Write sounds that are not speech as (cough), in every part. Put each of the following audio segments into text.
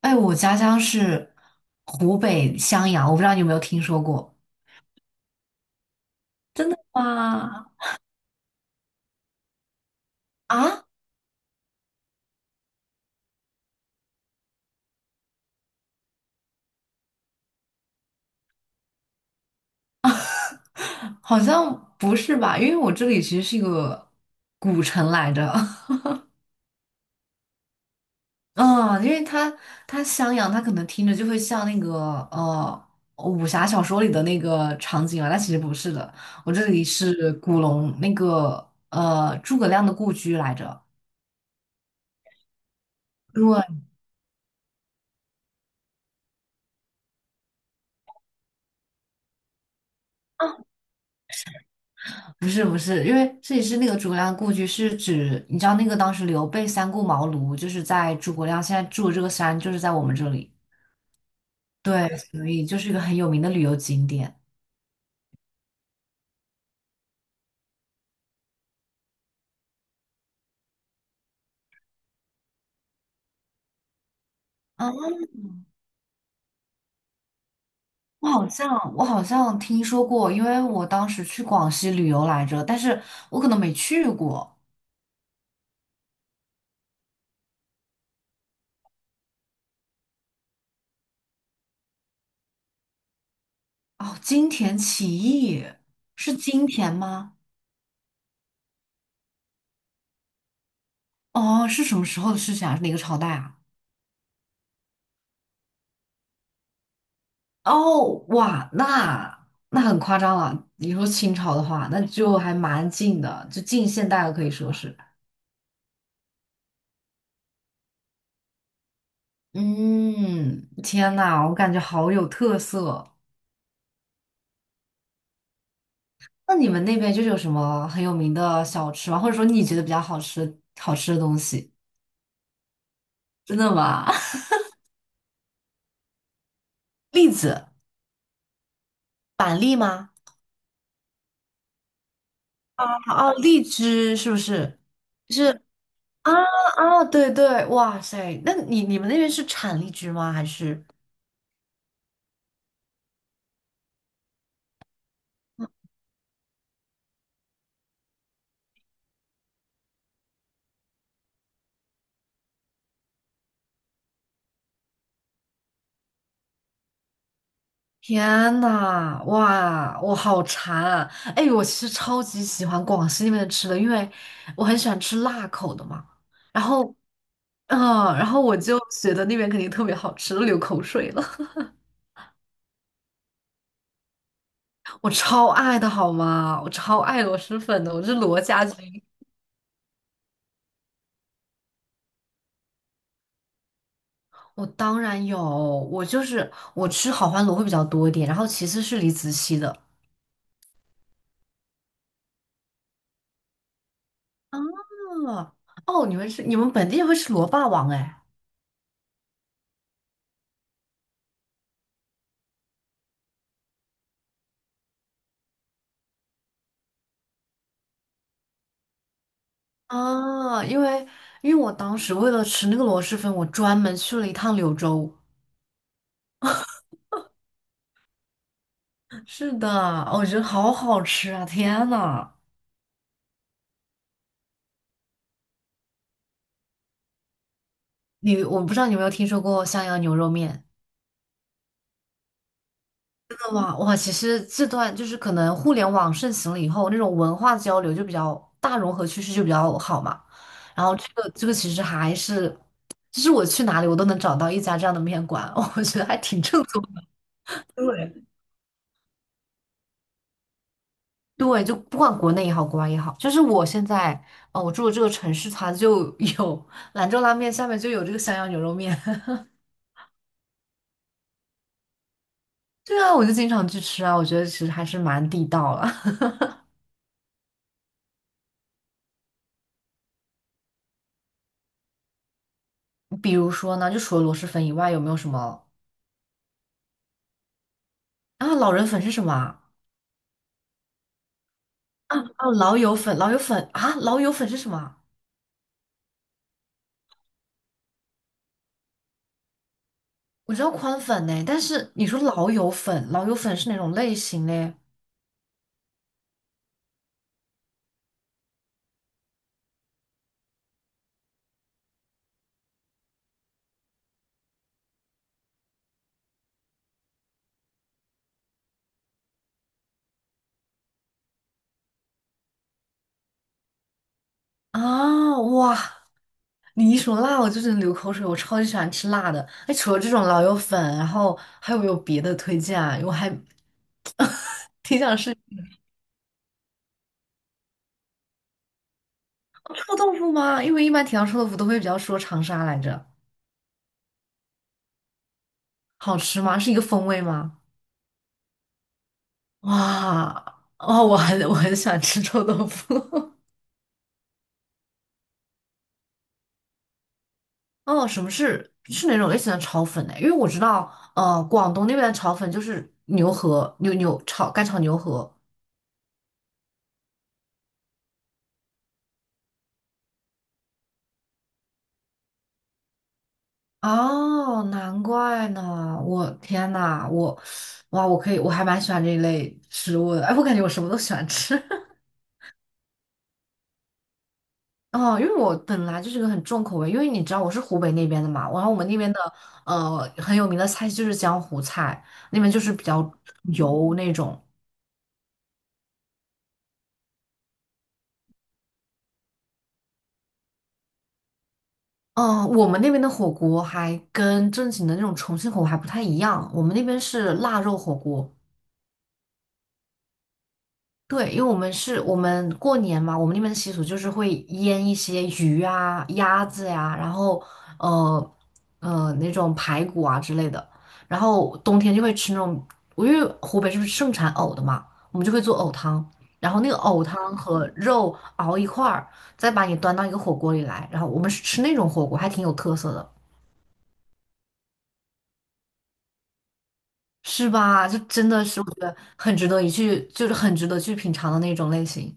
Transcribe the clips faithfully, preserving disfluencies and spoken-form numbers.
哎，我家乡是湖北襄阳，我不知道你有没有听说过。哇，啊？好像不是吧？因为我这里其实是一个古城来着。(laughs) 嗯，因为它它襄阳，它可能听着就会像那个呃武侠小说里的那个场景啊，但其实不是的。我这里是古龙那个呃诸葛亮的故居来着。对，不是不是，因为这里是那个诸葛亮故居是指，你知道那个当时刘备三顾茅庐，就是在诸葛亮现在住的这个山，就是在我们这里。对，所以就是一个很有名的旅游景点。啊，我好像我好像听说过，因为我当时去广西旅游来着，但是我可能没去过。哦，金田起义，是金田吗？哦，是什么时候的事情啊？是哪个朝代啊？哦，哇，那那很夸张了。你说清朝的话，那就还蛮近的，就近现代了，可以说是。嗯，天呐，我感觉好有特色。那你们那边就是有什么很有名的小吃吗？或者说你觉得比较好吃好吃的东西？真的吗？(laughs) 栗子，板栗吗？哦，荔枝是不是？是啊，啊，对对，哇塞，那你你们那边是产荔枝吗？还是？天呐，哇，我好馋啊！哎，我其实超级喜欢广西那边的吃的，因为我很喜欢吃辣口的嘛。然后，嗯，然后我就觉得那边肯定特别好吃，都流口水了。(laughs) 我超爱的好吗？我超爱螺蛳粉的，我是罗家军。我当然有，我就是我吃好欢螺会比较多一点，然后其次是李子柒的。啊，哦，你们是你们本地人会吃螺霸王哎？啊，因为，因为我当时为了吃那个螺蛳粉，我专门去了一趟柳州。是的，哦，我觉得好好吃啊！天呐，你，我不知道你有没有听说过襄阳牛肉面？哇哇，其实这段就是可能互联网盛行了以后，那种文化交流就比较大融合趋势就比较好嘛。然后这个这个其实还是，就是我去哪里我都能找到一家这样的面馆，(laughs) 我觉得还挺正宗的。对，对，就不管国内也好，国外也好，就是我现在，呃，我住的这个城市，它就 (laughs) 有兰州拉面，下面就有这个襄阳牛肉面。(laughs) 对啊，我就经常去吃啊，我觉得其实还是蛮地道了。(laughs) 比如说呢，就除了螺蛳粉以外，有没有什么啊？老人粉是什么啊？啊，老友粉，老友粉啊，老友粉是什么啊？我知道宽粉呢，但是你说老友粉，老友粉是哪种类型嘞？啊，哇！你一说辣，我就觉得流口水。我超级喜欢吃辣的。哎，除了这种老友粉，然后还有没有别的推荐啊？因为我还挺想吃。臭豆腐吗？因为一般提到臭豆腐都会比较说长沙来着。好吃吗？是一个风味吗？哇，哦，我很我很喜欢吃臭豆腐。(laughs) 哦，什么是是哪种类型的炒粉呢？因为我知道，呃，广东那边的炒粉就是牛河，牛牛炒干炒牛河。哦，难怪呢！我天呐，我，哇，我可以，我还蛮喜欢这一类食物的。哎，我感觉我什么都喜欢吃。(laughs) 哦，因为我本来就是个很重口味，因为你知道我是湖北那边的嘛，然后我们那边的呃很有名的菜就是江湖菜，那边就是比较油那种。嗯，我们那边的火锅还跟正经的那种重庆火锅还不太一样，我们那边是腊肉火锅。对，因为我们是我们过年嘛，我们那边的习俗就是会腌一些鱼啊、鸭子呀、然后呃呃那种排骨啊之类的，然后冬天就会吃那种，因为湖北是不是盛产藕的嘛，我们就会做藕汤，然后那个藕汤和肉熬一块儿，再把你端到一个火锅里来，然后我们是吃那种火锅，还挺有特色的。是吧？就真的是我觉得很值得一去，就是很值得去品尝的那种类型。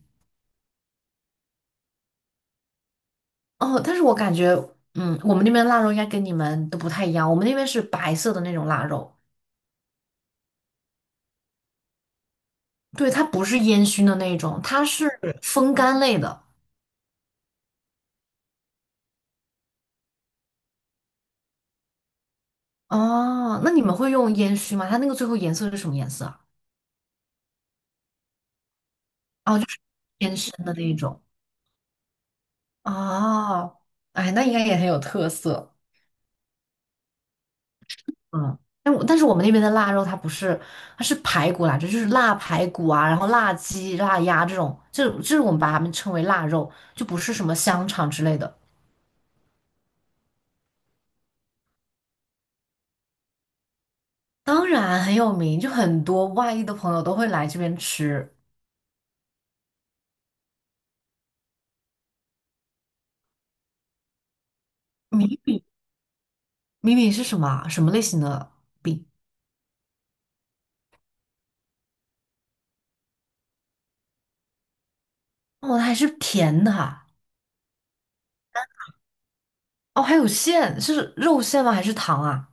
哦，但是我感觉，嗯，我们那边腊肉应该跟你们都不太一样。我们那边是白色的那种腊肉，对，它不是烟熏的那种，它是风干类的。哦，那你们会用烟熏吗？它那个最后颜色是什么颜色啊？哦，就是偏深的那一种。哦，哎，那应该也很有特色。嗯，但我但是我们那边的腊肉它不是，它是排骨来着，就是腊排骨啊，然后腊鸡、腊鸭这种，这这是我们把它们称为腊肉，就不是什么香肠之类的。当然很有名，就很多外地的朋友都会来这边吃。米米饼是什么啊？什么类型的饼？哦，它还是甜的啊。哦，还有馅，是肉馅吗？还是糖啊？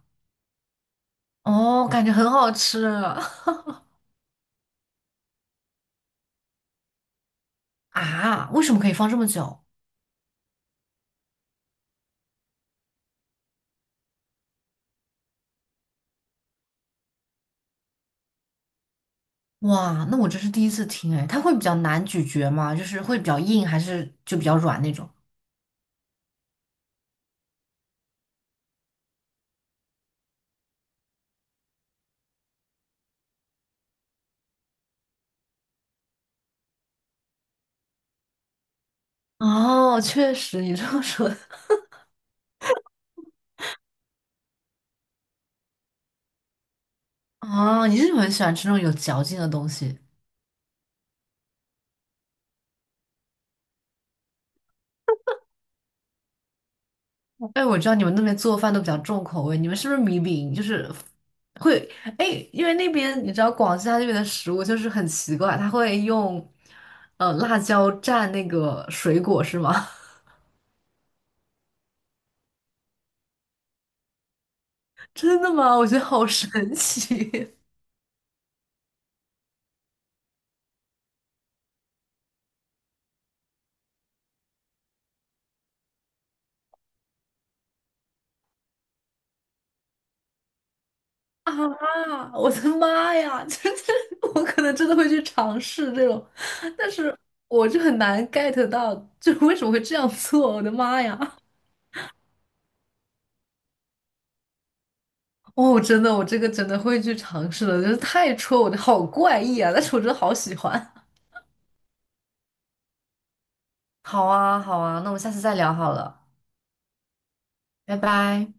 哦，感觉很好吃。 (laughs) 啊！为什么可以放这么久？哇，那我这是第一次听哎，它会比较难咀嚼吗？就是会比较硬，还是就比较软那种？哦，确实，你这么说的。哦，你是不是很喜欢吃那种有嚼劲的东西？哎，我知道你们那边做饭都比较重口味，你们是不是米饼就是会，哎？因为那边你知道广西它那边的食物就是很奇怪，它会用呃辣椒蘸那个水果是吗？(laughs) 真的吗？我觉得好神奇。 (laughs) 啊！我的妈呀，(laughs) 就是我可能真的会去尝试这种，但是我就很难 get 到，就是为什么会这样做？我的妈呀！哦，真的，我这个真的会去尝试的，就是太戳我的，好怪异啊！但是我真的好喜欢。好啊，好啊，那我们下次再聊好了，拜拜。